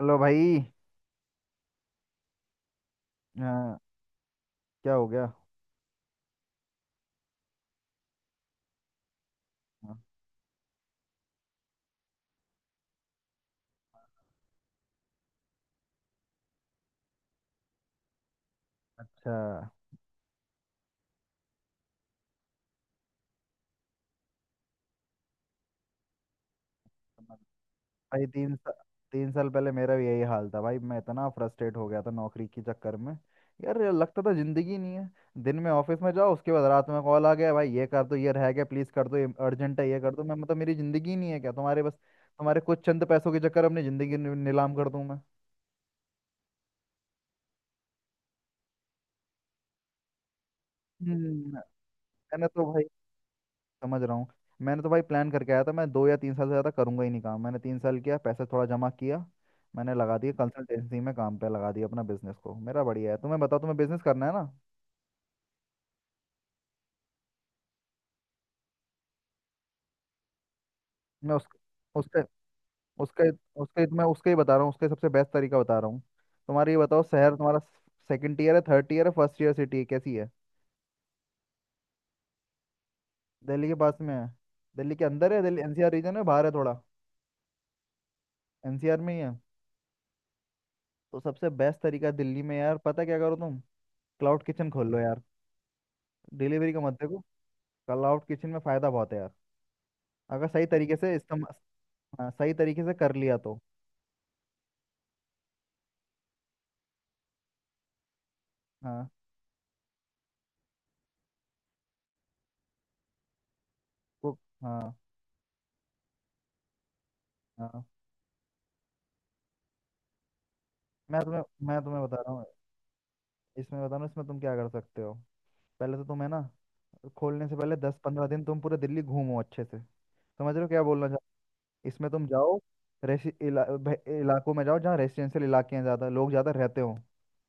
Hello भाई। हाँ, क्या हो गया? हाँ। अच्छा। भाई 3 साल पहले मेरा भी यही हाल था भाई। मैं इतना फ्रस्ट्रेट हो गया था नौकरी के चक्कर में। यार, ये लगता था जिंदगी ही नहीं है। दिन में ऑफिस में जाओ, उसके बाद रात में कॉल आ गया, भाई ये कर दो, ये रह गया, प्लीज कर दो, ये अर्जेंट है, ये कर दो। मैं मतलब मेरी जिंदगी ही नहीं है क्या? तुम्हारे बस तुम्हारे कुछ चंद पैसों के चक्कर में अपनी जिंदगी नीलाम कर दूं मैं? हम्म। मैंने तो भाई समझ रहा हूँ। मैंने तो भाई प्लान करके आया था, मैं 2 या 3 साल से ज़्यादा करूंगा ही नहीं काम। मैंने 3 साल किया, पैसे थोड़ा जमा किया। मैंने लगा दिया कंसल्टेंसी में, काम पे लगा दिया अपना बिजनेस को। मेरा बढ़िया है, तुम्हें बताओ। तुम्हें बिजनेस करना है ना? मैं उस उसके उसके मैं उसके ही बता रहा हूँ। उसके सबसे बेस्ट तरीका बता रहा हूँ। तुम्हारा ये बताओ, शहर तुम्हारा सेकंड ईयर है, थर्ड ईयर है, फर्स्ट ईयर सिटी है, कैसी है? दिल्ली के पास में है? दिल्ली के अंदर है, दिल्ली एनसीआर रीजन है, बाहर है थोड़ा? एनसीआर में ही है। तो सबसे बेस्ट तरीका दिल्ली में, यार पता क्या करो तुम, क्लाउड किचन खोल लो यार। डिलीवरी का मत देखो। कल आउट किचन में फायदा बहुत है यार, अगर सही तरीके से इस्तेमाल। हाँ, सही तरीके से कर लिया तो। हाँ, कुक, हाँ हाँ। मैं तुम्हें मैं तुम्हें बता रहा हूँ, इसमें तुम क्या कर सकते हो। पहले तो तुम्हें ना खोलने से पहले 10-15 दिन तुम पूरे दिल्ली घूमो अच्छे से। समझ रहे हो क्या बोलना चाह? इसमें तुम जाओ, इलाकों में जाओ जहाँ रेसिडेंशियल इलाके हैं, ज़्यादा लोग ज़्यादा रहते हो।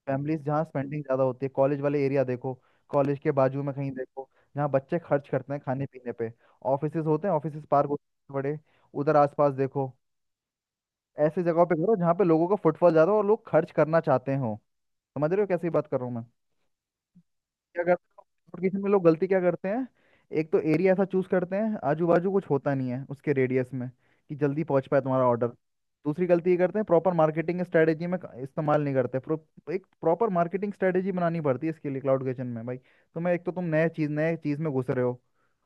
फैमिलीज जहाँ स्पेंडिंग ज़्यादा होती है, कॉलेज वाले एरिया देखो। कॉलेज के बाजू में कहीं देखो, जहाँ बच्चे खर्च करते हैं खाने पीने पे। ऑफिसेज होते हैं, ऑफिसेज पार्क होते हैं बड़े, उधर आसपास देखो। ऐसी जगहों पे करो जहाँ पे लोगों का फुटफॉल ज़्यादा हो और लोग खर्च करना चाहते हो। समझ रहे हो कैसी बात कर रहा हूँ मैं? क्या करते हैं, नोटिफिकेशन में लोग गलती क्या करते हैं? एक तो एरिया ऐसा चूज करते हैं, आजू बाजू कुछ होता नहीं है उसके रेडियस में, कि जल्दी पहुंच पाए तुम्हारा ऑर्डर। दूसरी गलती ये करते हैं, प्रॉपर मार्केटिंग स्ट्रेटेजी में इस्तेमाल नहीं करते। एक प्रॉपर मार्केटिंग स्ट्रेटेजी बनानी पड़ती है इसके लिए क्लाउड किचन में भाई। तुम्हें एक तो तुम नए चीज़ में घुस रहे हो।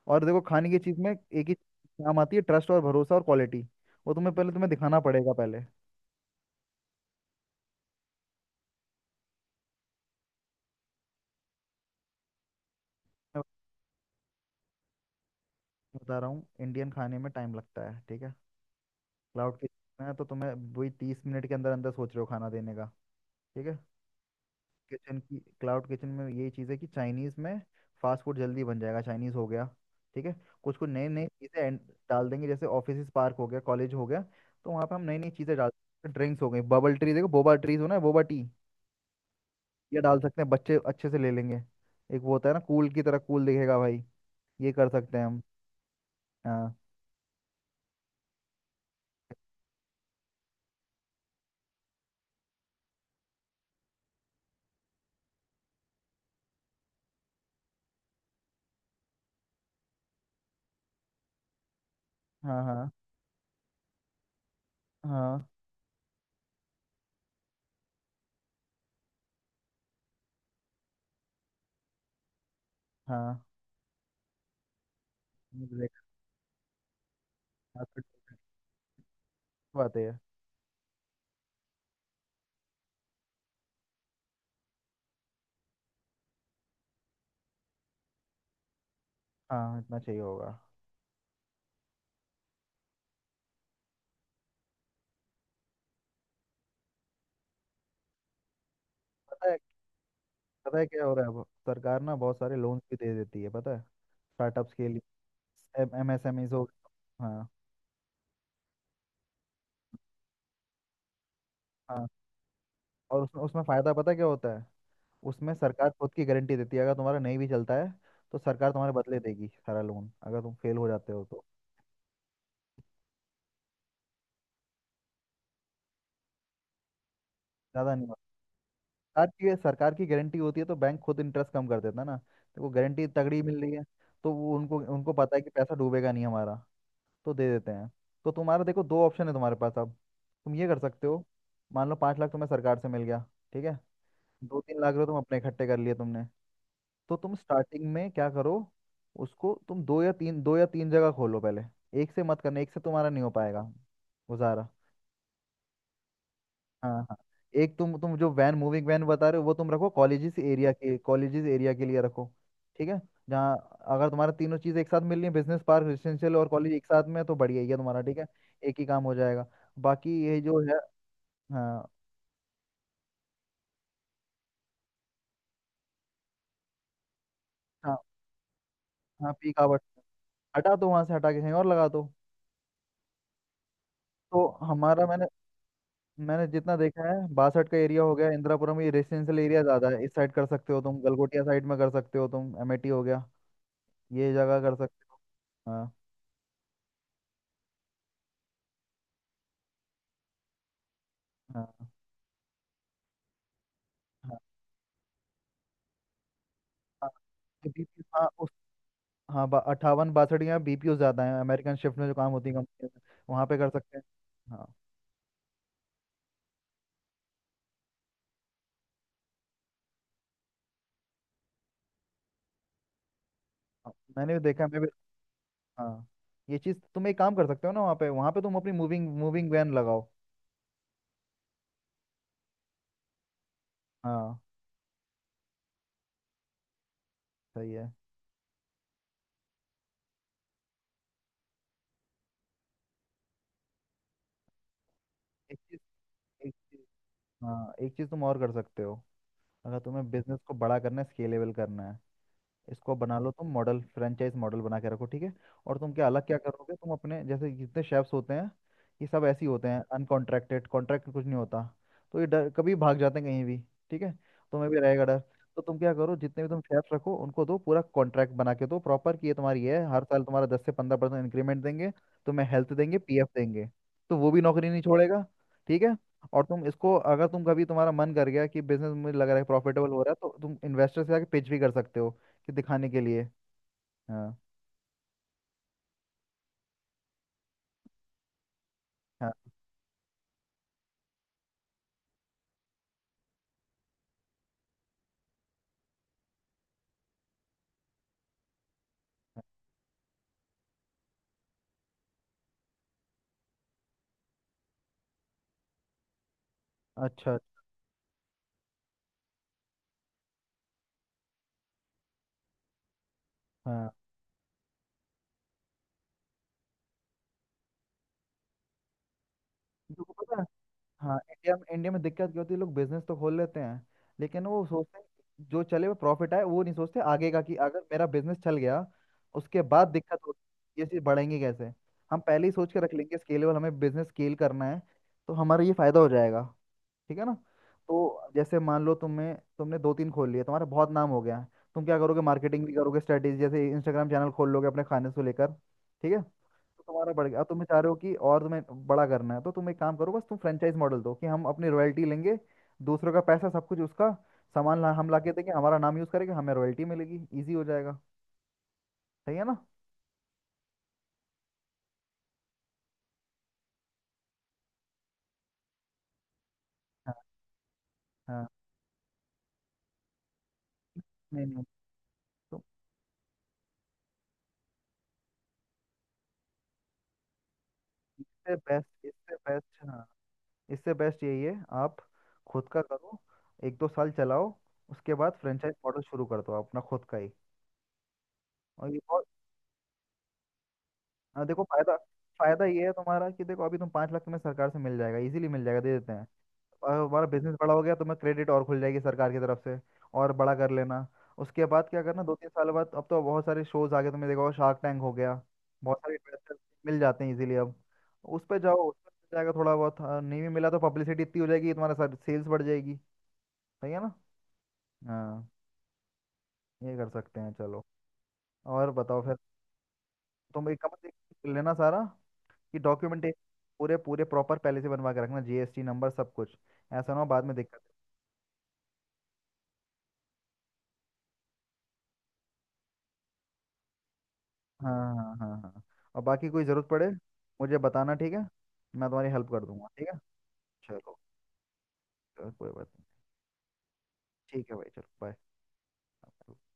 और देखो, खाने की चीज़ में एक ही काम आती है, ट्रस्ट और भरोसा और क्वालिटी। वो तुम्हें दिखाना पड़ेगा पहले। मैं बता रहा हूँ, इंडियन खाने में टाइम लगता है, ठीक है। क्लाउड किचन है तो तुम्हें वही 30 मिनट के अंदर अंदर सोच रहे हो खाना देने का, ठीक है। किचन की क्लाउड किचन में यही चीज़ है कि चाइनीज़ में फास्ट फूड जल्दी बन जाएगा, चाइनीज़ हो गया, ठीक है। कुछ कुछ नई नई चीज़ें डाल देंगे, जैसे ऑफिस पार्क हो गया, कॉलेज हो गया, तो वहाँ पे हम नई नई चीज़ें डाल सकते हैं। ड्रिंक्स हो गई, बबल ट्री देखो, बोबा ट्रीज हो ना, बोबा टी ये डाल सकते हैं, बच्चे अच्छे से ले लेंगे। एक वो होता है ना, कूल की तरह, कूल दिखेगा भाई। ये कर सकते हैं हम। हाँ। हाँ हाँ हाँ हाँ। ब्रेक। हाँ, फिर तो आते हैं। हाँ, इतना चाहिए होगा। पता है, पता है क्या हो रहा है, अब सरकार ना बहुत सारे लोन्स भी दे देती है, पता है, स्टार्टअप्स के लिए एमएसएमई हो। हाँ। हाँ और उसमें उसमें फ़ायदा पता है क्या होता है? उसमें सरकार खुद की गारंटी देती है, अगर तुम्हारा नहीं भी चलता है तो सरकार तुम्हारे बदले देगी सारा लोन, अगर तुम फेल हो जाते हो तो। ज़्यादा नहीं होता। सरकार की गारंटी होती है तो बैंक खुद इंटरेस्ट कम कर देता है ना। तो वो गारंटी तगड़ी मिल रही है। तो वो उनको उनको पता है कि पैसा डूबेगा नहीं हमारा, तो दे देते हैं। तो तुम्हारा देखो, दो ऑप्शन है तुम्हारे पास अब। तुम ये कर सकते हो, मान लो 5 लाख तुम्हें सरकार से मिल गया, ठीक है। 2-3 लाख रुपए तुम अपने इकट्ठे कर लिए तुमने। तो तुम स्टार्टिंग में क्या करो, उसको तुम दो या तीन जगह खोलो पहले। एक से मत करना, एक से तुम्हारा नहीं हो पाएगा गुजारा। हाँ हाँ। एक तुम जो वैन, मूविंग वैन बता रहे हो, वो तुम रखो कॉलेजेस एरिया के लिए रखो, ठीक है। जहाँ, अगर तुम्हारा तीनों चीज़ एक साथ मिल रही है, बिजनेस पार्क, रेजिडेंशियल और कॉलेज एक साथ में है, तो बढ़िया ही है तुम्हारा, ठीक है। एक ही काम हो जाएगा। बाकी ये जो है। हाँ। हाँ, हाँ पीक आवर्स हटा दो वहाँ से, हटा के कहीं और लगा दो। तो हमारा, मैंने मैंने जितना देखा है, 62 का एरिया हो गया, इंदिरापुरम, ये रेजिडेंशियल एरिया ज़्यादा है, इस साइड कर सकते हो तुम, गलगोटिया साइड में कर सकते हो तुम, अमेठी हो गया, ये जगह कर सकते हो। हाँ हाँ हाँ। बीपीओ, हाँ उस हाँ 58, 62 या बीपीओ ज़्यादा है, अमेरिकन शिफ्ट में जो काम होती है कंपनी में, वहाँ पे कर सकते हैं। हाँ। हाँ, मैंने भी देखा है, मैं भी। हाँ, ये चीज़ तुम एक काम कर सकते हो ना, वहाँ पे तुम अपनी मूविंग मूविंग वैन लगाओ। हाँ सही है। एक चीज़, एक चीज़, हाँ एक चीज़ तुम और कर सकते हो, अगर तुम्हें बिजनेस को बड़ा करना है, स्केलेबल करना है। इसको बना लो तुम मॉडल, फ्रेंचाइज मॉडल बना के रखो, ठीक है। और तुम क्या अलग क्या करोगे, तुम अपने जैसे जितने शेफ्स होते हैं ये सब ऐसे ही होते हैं अनकॉन्ट्रैक्टेड, कॉन्ट्रैक्ट कुछ नहीं होता। तो ये डर कभी भाग जाते हैं कहीं भी, ठीक है। तुम्हें भी रहेगा डर। तो तुम क्या करो, जितने भी तुम शेफ्स रखो उनको दो पूरा कॉन्ट्रैक्ट बना के दो प्रॉपर, कि ये तुम्हारी है, हर साल तुम्हारा 10 से 15% इंक्रीमेंट देंगे, तुम्हें हेल्थ देंगे, पीएफ देंगे। तो वो भी नौकरी नहीं छोड़ेगा, ठीक है। और तुम इसको, अगर तुम कभी तुम्हारा मन कर गया कि बिजनेस मुझे लग रहा है प्रॉफिटेबल हो रहा है, तो तुम इन्वेस्टर से आके पिच भी कर सकते हो, कि दिखाने के लिए। हाँ हाँ। अच्छा। हाँ, तुमको पता है, हाँ इंडिया में दिक्कत क्या होती है, लोग बिजनेस तो खोल लेते हैं, लेकिन वो सोचते हैं कि जो चले वो प्रॉफिट आए। वो नहीं सोचते आगे का कि अगर मेरा बिजनेस चल गया, उसके बाद दिक्कत होगी, ये चीज़ बढ़ेंगी कैसे। हम पहले ही सोच के रख लेंगे स्केलेबल, हमें बिजनेस स्केल करना है, तो हमारा ये फायदा हो जाएगा, ठीक है ना। तो जैसे मान लो तुम्हें, तुमने दो तीन खोल लिए, तुम्हारा बहुत नाम हो गया है, तुम क्या करोगे, मार्केटिंग भी करोगे स्ट्रेटेजी, जैसे इंस्टाग्राम चैनल खोल लोगे अपने खाने से लेकर, ठीक है। तो तुम्हारा बढ़ गया, अब तुम्हें चाह रहे हो कि और तुम्हें बड़ा करना है, तो तुम एक काम करो बस, तुम फ्रेंचाइज मॉडल दो, कि हम अपनी रॉयल्टी लेंगे, दूसरों का पैसा, सब कुछ उसका, सामान ला, हम ला के देंगे, हमारा नाम यूज करेंगे, हमें रॉयल्टी मिलेगी, इजी हो जाएगा, सही है ना। हाँ हाँ। नहीं नहीं, तो इससे बेस्ट, इससे बेस्ट, हाँ इससे बेस्ट यही है। आप खुद का करो, 1-2 साल चलाओ, उसके बाद फ्रेंचाइज मॉडल शुरू कर दो अपना खुद का ही। और ये बहुत, हाँ, देखो फायदा, फायदा ये है तुम्हारा कि देखो अभी तुम 5 लाख तुम्हें सरकार से मिल जाएगा इजीली, मिल जाएगा, दे देते हैं। और हमारा बिजनेस बड़ा हो गया, तुम्हें क्रेडिट और खुल जाएगी सरकार की तरफ से, और बड़ा कर लेना। उसके बाद क्या करना, 2-3 साल बाद अब तो बहुत सारे शोज आ गए, तुमने देखा होगा, शार्क टैंक हो गया, बहुत सारे इन्वेस्टर मिल जाते हैं इजीली अब। उस पर जाओ, उस पर मिल जाएगा थोड़ा बहुत, हाँ, नहीं भी मिला तो पब्लिसिटी इतनी हो जाएगी तुम्हारा, सर सेल्स बढ़ जाएगी, सही है ना। हाँ। ये कर सकते हैं, चलो। और बताओ फिर। तुम एक काम देख लेना सारा, कि डॉक्यूमेंटेशन पूरे पूरे प्रॉपर पहले से बनवा के रखना, जीएसटी नंबर सब कुछ, ऐसा ना हो बाद में दिक्कत। हाँ हाँ हाँ हाँ हाँ। और बाकी कोई ज़रूरत पड़े, मुझे बताना, ठीक है, मैं तुम्हारी हेल्प कर दूंगा, ठीक है। चलो, चलो, कोई बात नहीं। ठीक है भाई, चलो। बाय।